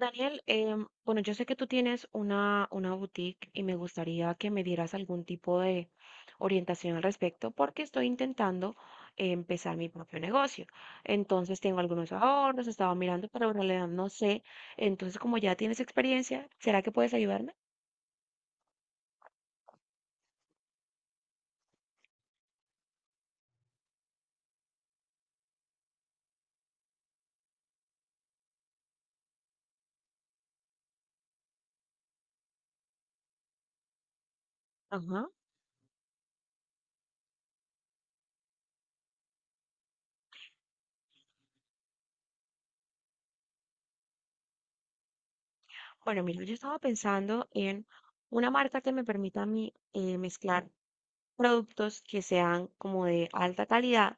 Daniel, bueno, yo sé que tú tienes una boutique y me gustaría que me dieras algún tipo de orientación al respecto porque estoy intentando empezar mi propio negocio. Entonces tengo algunos ahorros, estaba mirando, pero en realidad no sé. Entonces, como ya tienes experiencia, ¿será que puedes ayudarme? Ajá. Bueno, mira, yo estaba pensando en una marca que me permita a mí mezclar productos que sean como de alta calidad,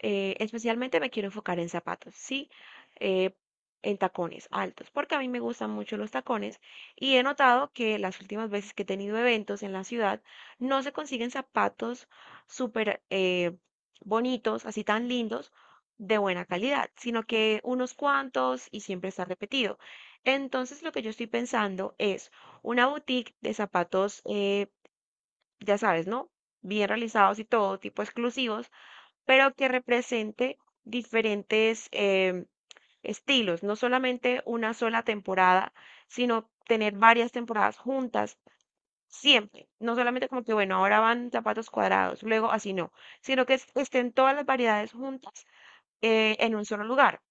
especialmente me quiero enfocar en zapatos, sí, eh, en tacones altos, porque a mí me gustan mucho los tacones y he notado que las últimas veces que he tenido eventos en la ciudad no se consiguen zapatos súper bonitos, así tan lindos, de buena calidad, sino que unos cuantos y siempre está repetido. Entonces lo que yo estoy pensando es una boutique de zapatos, ya sabes, ¿no? Bien realizados y todo, tipo exclusivos, pero que represente diferentes estilos, no solamente una sola temporada, sino tener varias temporadas juntas siempre, no solamente como que, bueno, ahora van zapatos cuadrados, luego así no, sino que estén todas las variedades juntas, en un solo lugar.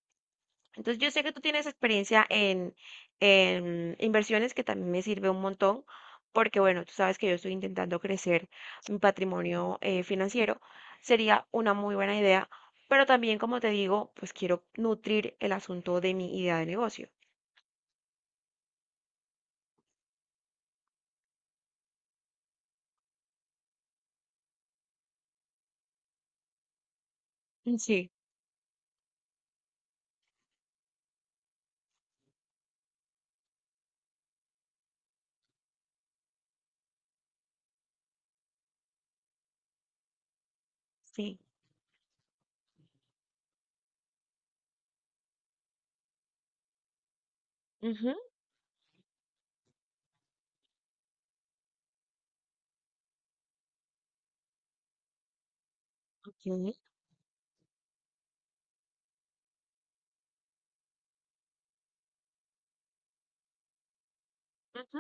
Entonces, yo sé que tú tienes experiencia en inversiones, que también me sirve un montón, porque bueno, tú sabes que yo estoy intentando crecer mi patrimonio, financiero. Sería una muy buena idea, pero también, como te digo, pues quiero nutrir el asunto de mi idea de negocio. Mm, sí. Sí. Ujú. Ok. Ujú.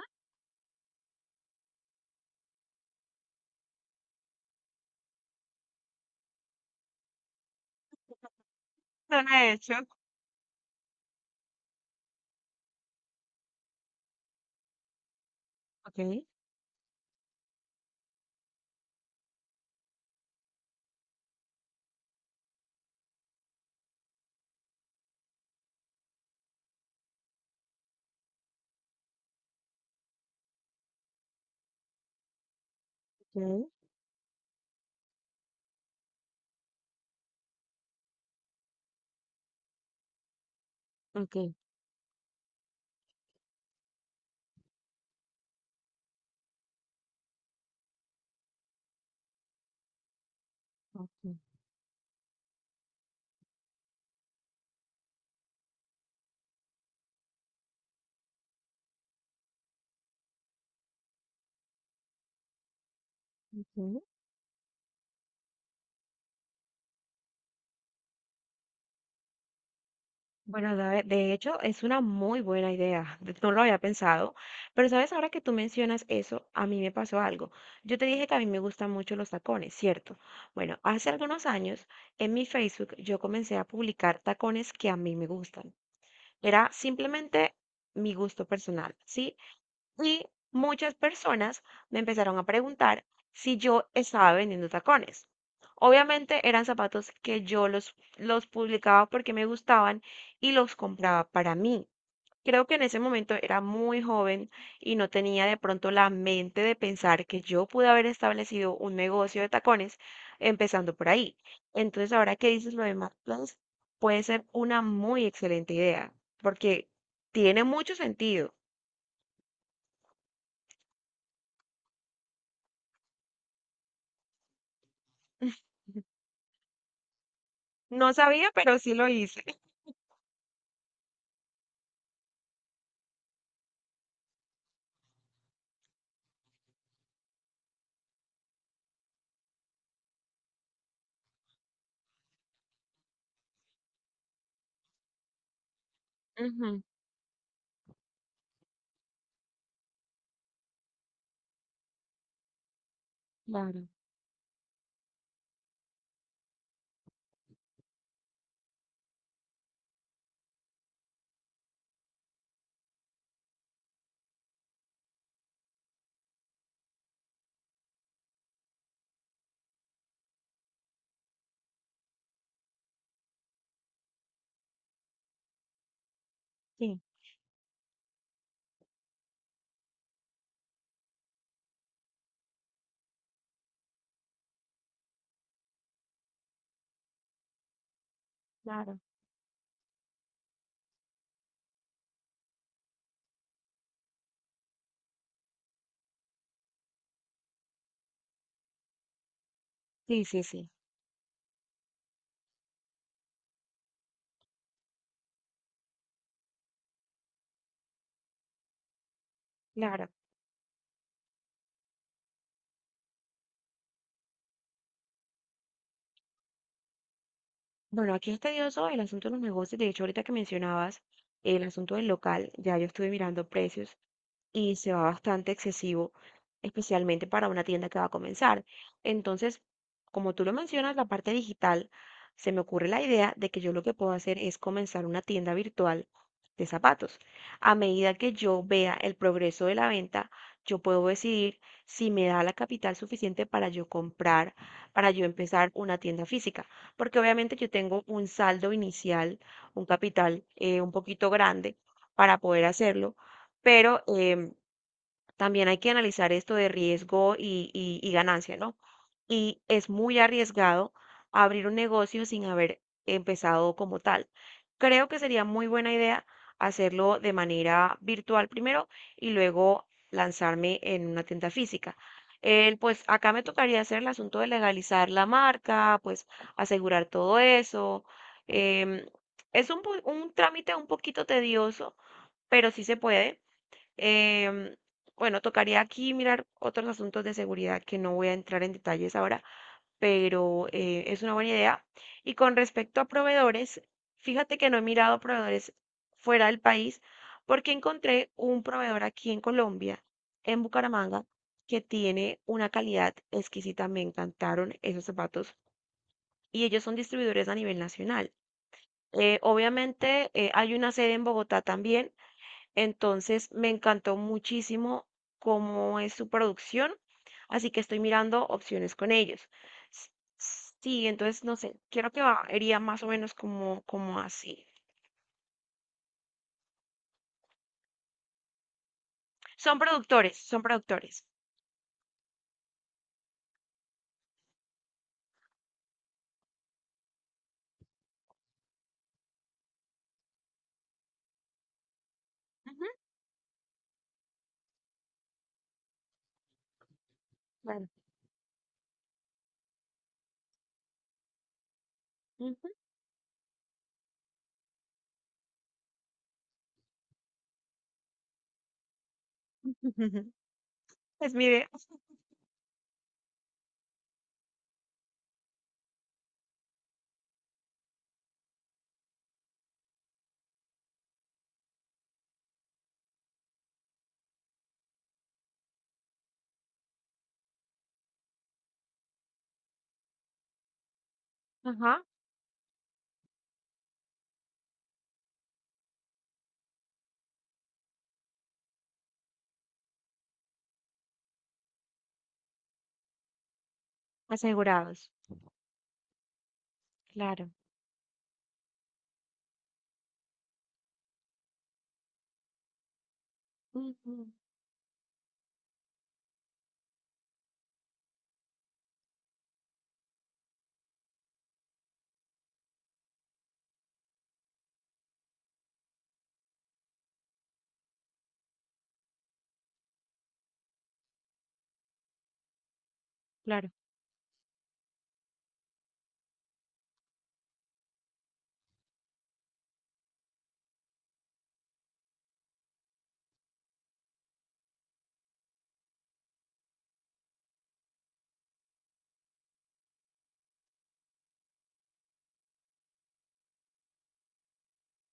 Suena de hecho. Ok, ok, ok, ok, ok. Bueno, de hecho es una muy buena idea, no lo había pensado, pero sabes, ahora que tú mencionas eso, a mí me pasó algo. Yo te dije que a mí me gustan mucho los tacones, ¿cierto? Bueno, hace algunos años en mi Facebook yo comencé a publicar tacones que a mí me gustan. Era simplemente mi gusto personal, ¿sí? Y muchas personas me empezaron a preguntar si yo estaba vendiendo tacones. Obviamente eran zapatos que yo los publicaba porque me gustaban y los compraba para mí. Creo que en ese momento era muy joven y no tenía de pronto la mente de pensar que yo pude haber establecido un negocio de tacones empezando por ahí. Entonces, ahora que dices lo de Marketplace, puede ser una muy excelente idea porque tiene mucho sentido. No sabía, pero sí lo hice. Ujú. Claro. Sí, claro. Sí, sí, sí, claro. Bueno, aquí es tedioso el asunto de los negocios. De hecho, ahorita que mencionabas el asunto del local, ya yo estuve mirando precios y se va bastante excesivo, especialmente para una tienda que va a comenzar. Entonces, como tú lo mencionas, la parte digital, se me ocurre la idea de que yo lo que puedo hacer es comenzar una tienda virtual de zapatos. A medida que yo vea el progreso de la venta, yo puedo decidir si me da la capital suficiente para yo comprar, para yo empezar una tienda física, porque obviamente yo tengo un saldo inicial, un capital, un poquito grande para poder hacerlo, pero también hay que analizar esto de riesgo y, y ganancia, ¿no? Y es muy arriesgado abrir un negocio sin haber empezado como tal. Creo que sería muy buena idea hacerlo de manera virtual primero y luego lanzarme en una tienda física. El, pues acá me tocaría hacer el asunto de legalizar la marca, pues asegurar todo eso. Em, es un trámite un poquito tedioso, pero sí se puede. Em, bueno, tocaría aquí mirar otros asuntos de seguridad que no voy a entrar en detalles ahora, pero es una buena idea. Y con respecto a proveedores, fíjate que no he mirado proveedores fuera del país porque encontré un proveedor aquí en Colombia, en Bucaramanga, que tiene una calidad exquisita. Me encantaron esos zapatos y ellos son distribuidores a nivel nacional. Obviamente hay una sede en Bogotá también, entonces me encantó muchísimo cómo es su producción, así que estoy mirando opciones con ellos. S- sí, entonces no sé, quiero que iría más o menos como, como así. Son productores, son productores. Ujú. Bueno, ujú. Es mi idea. Ajá, asegurados, claro, ujú, claro.